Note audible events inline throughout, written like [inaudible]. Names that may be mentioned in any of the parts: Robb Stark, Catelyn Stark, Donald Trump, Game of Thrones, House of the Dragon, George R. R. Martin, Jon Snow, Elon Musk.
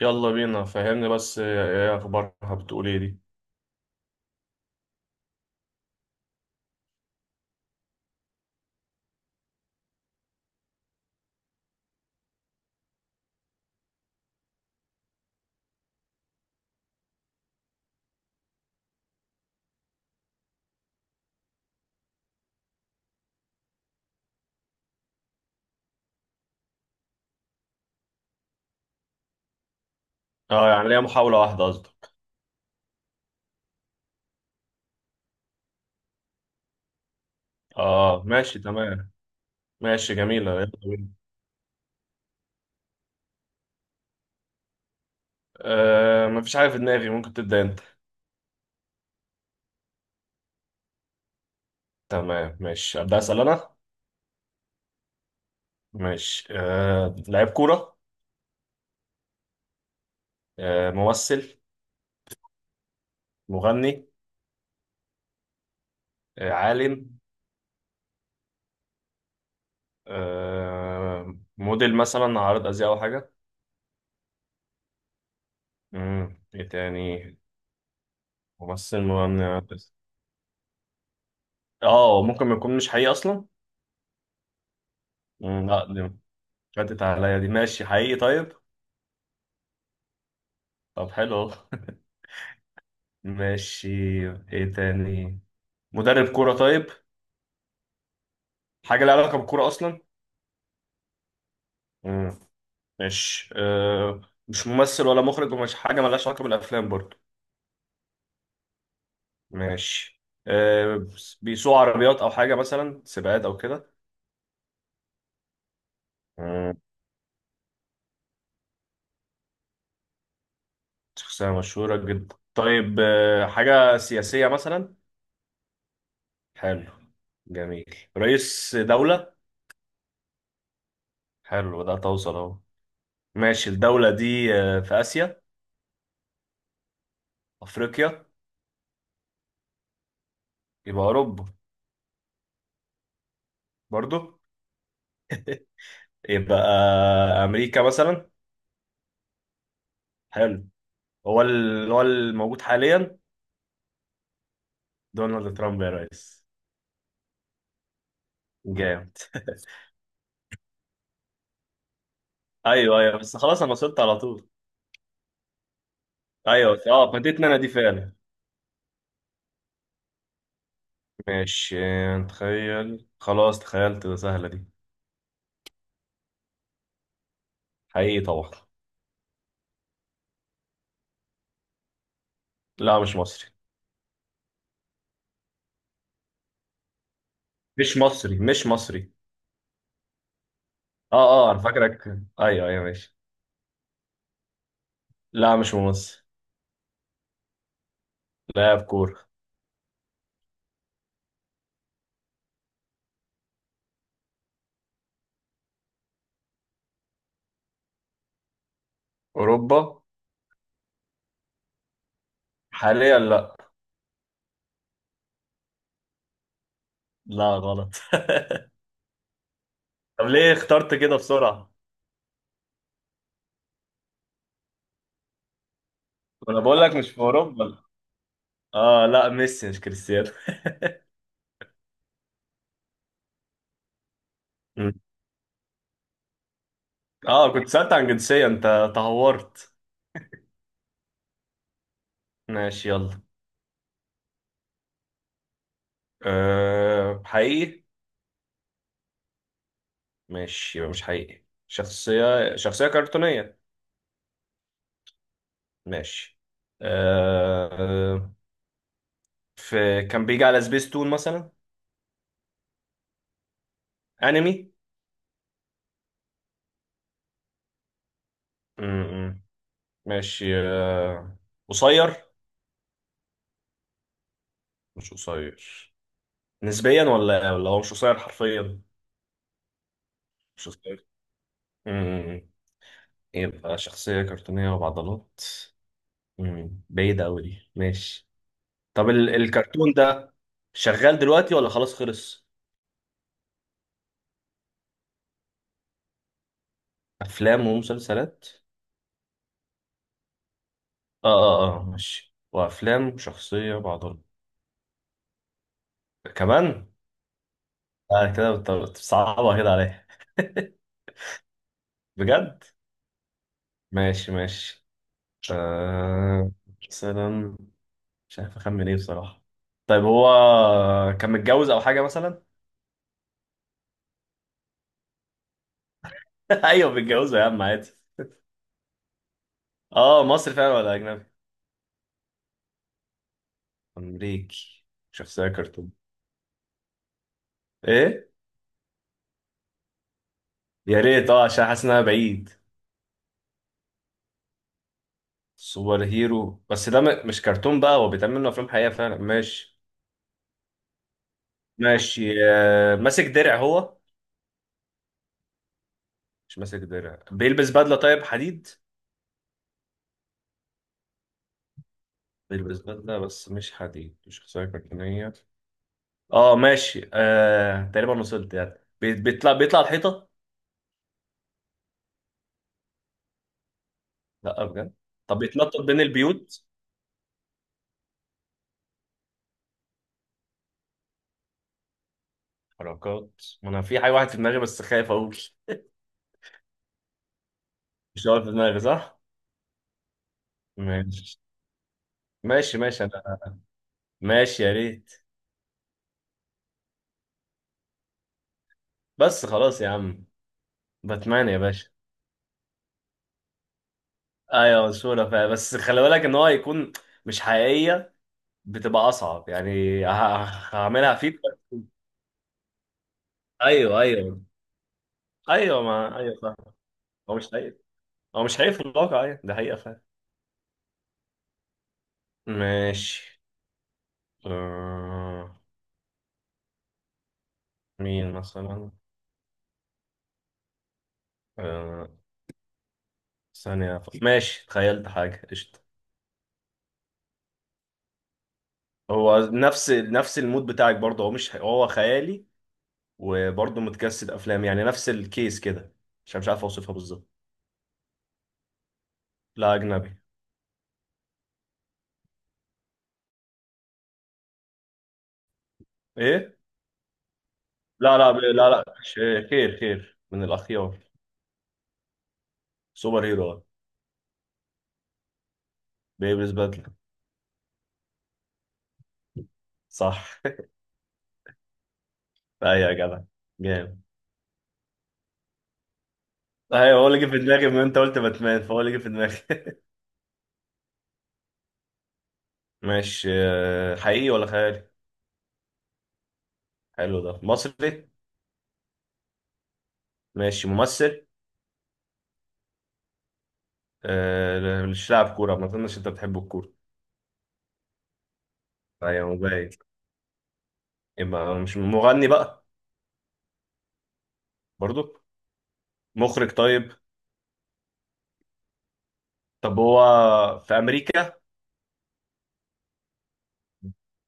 يلا بينا. فهمني بس ايه. إيه اخبارها بتقول ايه دي. اه، يعني ليا محاولة واحدة قصدك. اه ماشي تمام. ماشي جميلة، يلا بينا. مفيش حاجة في دماغي، ممكن تبدأ انت. تمام ماشي أبدأ أسأل انا. ماشي لعيب كورة. ممثل. مغني. عالم. موديل مثلا، عارض أزياء أو حاجة. مم. ايه تاني؟ ممثل، مغني، عارض أزياء. اه ممكن ما يكون مش حقيقي أصلا. مم. لا دي فاتت عليا، دي ماشي حقيقي طيب. طب حلو أهو. [laughs] ماشي. ايه تاني؟ مدرب كورة طيب؟ حاجة لها علاقة بالكورة أصلا؟ مم. ماشي مش ممثل ولا مخرج ومش حاجة ملهاش علاقة بالأفلام برضو؟ ماشي بيسوق عربيات أو حاجة مثلا، سباقات أو كده؟ مم. شخصية مشهورة جدا طيب، حاجة سياسية مثلا؟ حلو. جميل، رئيس دولة. حلو ده توصل أهو. ماشي الدولة دي في آسيا؟ أفريقيا؟ يبقى أوروبا؟ برضو؟ يبقى امريكا مثلا؟ حلو. هو اللي هو الموجود حاليا؟ دونالد ترامب يا ريس. جامد. [laughs] ايوه ايوه، بس خلاص انا وصلت على طول. ايوه اه، فاتتني انا دي فعلا. ماشي. تخيل خلاص، تخيلت سهله دي. حقيقي طبعا. لا مش مصري، مش مصري، مش مصري. اه اه انا فاكرك. ايوه ايوه ماشي. لا مش مصري. لاعب كوره. اوروبا. حاليا لا. لا غلط. [laughs] طب ليه اخترت كده بسرعه؟ انا بقول لك مش في اوروبا. اه لا، ميسي مش كريستيانو. مم. اه كنت سألت عن جنسية، انت تهورت. ماشي يلا. حقيقي. ماشي يبقى مش حقيقي، شخصية كرتونية. ماشي آه في كان بيجي على سبيس تون مثلا؟ انمي؟ مم. ماشي قصير؟ مش قصير؟ نسبيا ولا هو مش قصير حرفيا؟ مش قصير. مم. يبقى شخصية كرتونية وبعضلات. مم. بعيدة أوي دي، ماشي. طب الكرتون ده شغال دلوقتي ولا خلاص خلص؟ أفلام ومسلسلات؟ آه آه آه ماشي. وأفلام شخصية بعضها كمان؟ كده بتصعبها كده عليا. [laughs] بجد؟ ماشي ماشي. آه مثلا، مش عارف أخمن إيه بصراحة. طيب هو كان متجوز أو حاجة مثلا؟ [laughs] أيوه متجوزة يا عم عادي. مصري فعلا ولا أجنبي؟ أمريكي. شخصية كرتون. إيه؟ يا ريت اه، عشان حاسس انها بعيد. سوبر هيرو، بس ده مش كرتون بقى، هو بيتعمل منه افلام حقيقيه فعلا ماشي. ماشي ماسك درع هو؟ مش ماسك درع، بيلبس بدله طيب، حديد؟ بيلبس بدله بس مش حديد، مش شخصيه كرتونيه. اه ماشي تقريبا وصلت يعني. بيطلع الحيطه؟ لا بجد؟ طب بيتنطط بين البيوت؟ حركات. ما انا في حاجه، واحد في دماغي بس خايف اقول. مش هو في دماغي صح؟ ماشي. ماشي ماشي انا، ماشي يا ريت. بس خلاص يا عم. باتمان يا باشا. ايوه صورة فعلا، بس خلي بالك ان هو هيكون مش حقيقية، بتبقى اصعب يعني. هعملها فيك. ايوه ايوه. ايوه ما ايوه فاهم. هو مش حقيقي. هو مش حقيقي في الواقع، ايوه ده حقيقة فعلا. ماشي. آه... مين مثلا؟ آه... ثانية أفكر. ماشي تخيلت حاجة قشطة. هو نفس المود بتاعك برضه، هو مش حقيقي. هو خيالي وبرضه متجسد افلام، يعني نفس الكيس كده عشان مش عارف اوصفها بالظبط. لا اجنبي. ايه؟ لا لا لا لا خير، خير من الأخيار. سوبر هيرو. بيلبس بدلة. صح. أيوة يا جدع. جامد. أيوة هو اللي جه في دماغي من أنت قلت باتمان، فهو اللي جه في دماغي. [laughs] ماشي حقيقي ولا خيالي؟ حلو، ده مصري؟ ماشي ممثل؟ مش لاعب كورة، ما أظنش أنت بتحب الكورة. أيوة مبين. يبقى مش مغني بقى؟ برضو؟ مخرج طيب؟ طب هو في أمريكا؟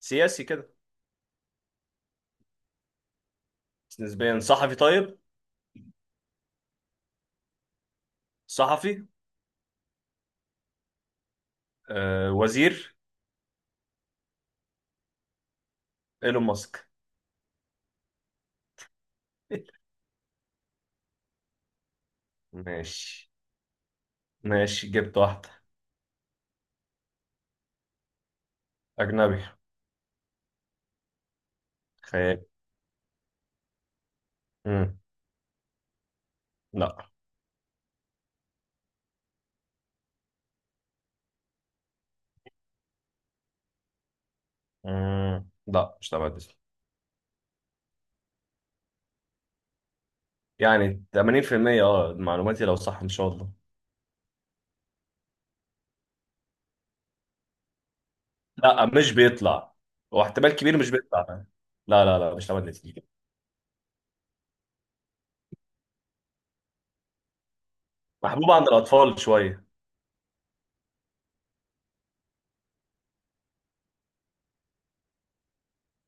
سياسي كده؟ نسبيا، صحفي طيب؟ صحفي؟ وزير؟ ايلون ماسك. ماشي. ماشي جبت واحدة. أجنبي. خيال. مم. لا. مم. لا مش تبع ديزني. يعني 80%. اه معلوماتي لو صح إن شاء الله. لا مش بيطلع. هو احتمال كبير مش بيطلع. لا لا لا، مش تبع ديزني. محبوب عند الأطفال شوية.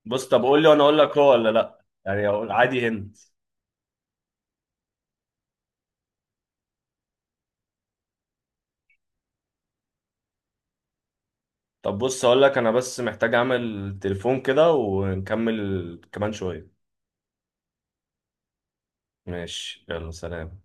بص طب قول لي وأنا أقول لك هو ولا لا، يعني أقول عادي هند. طب بص أقول لك، أنا بس محتاج أعمل تليفون كده ونكمل كمان شوية. ماشي يلا سلام.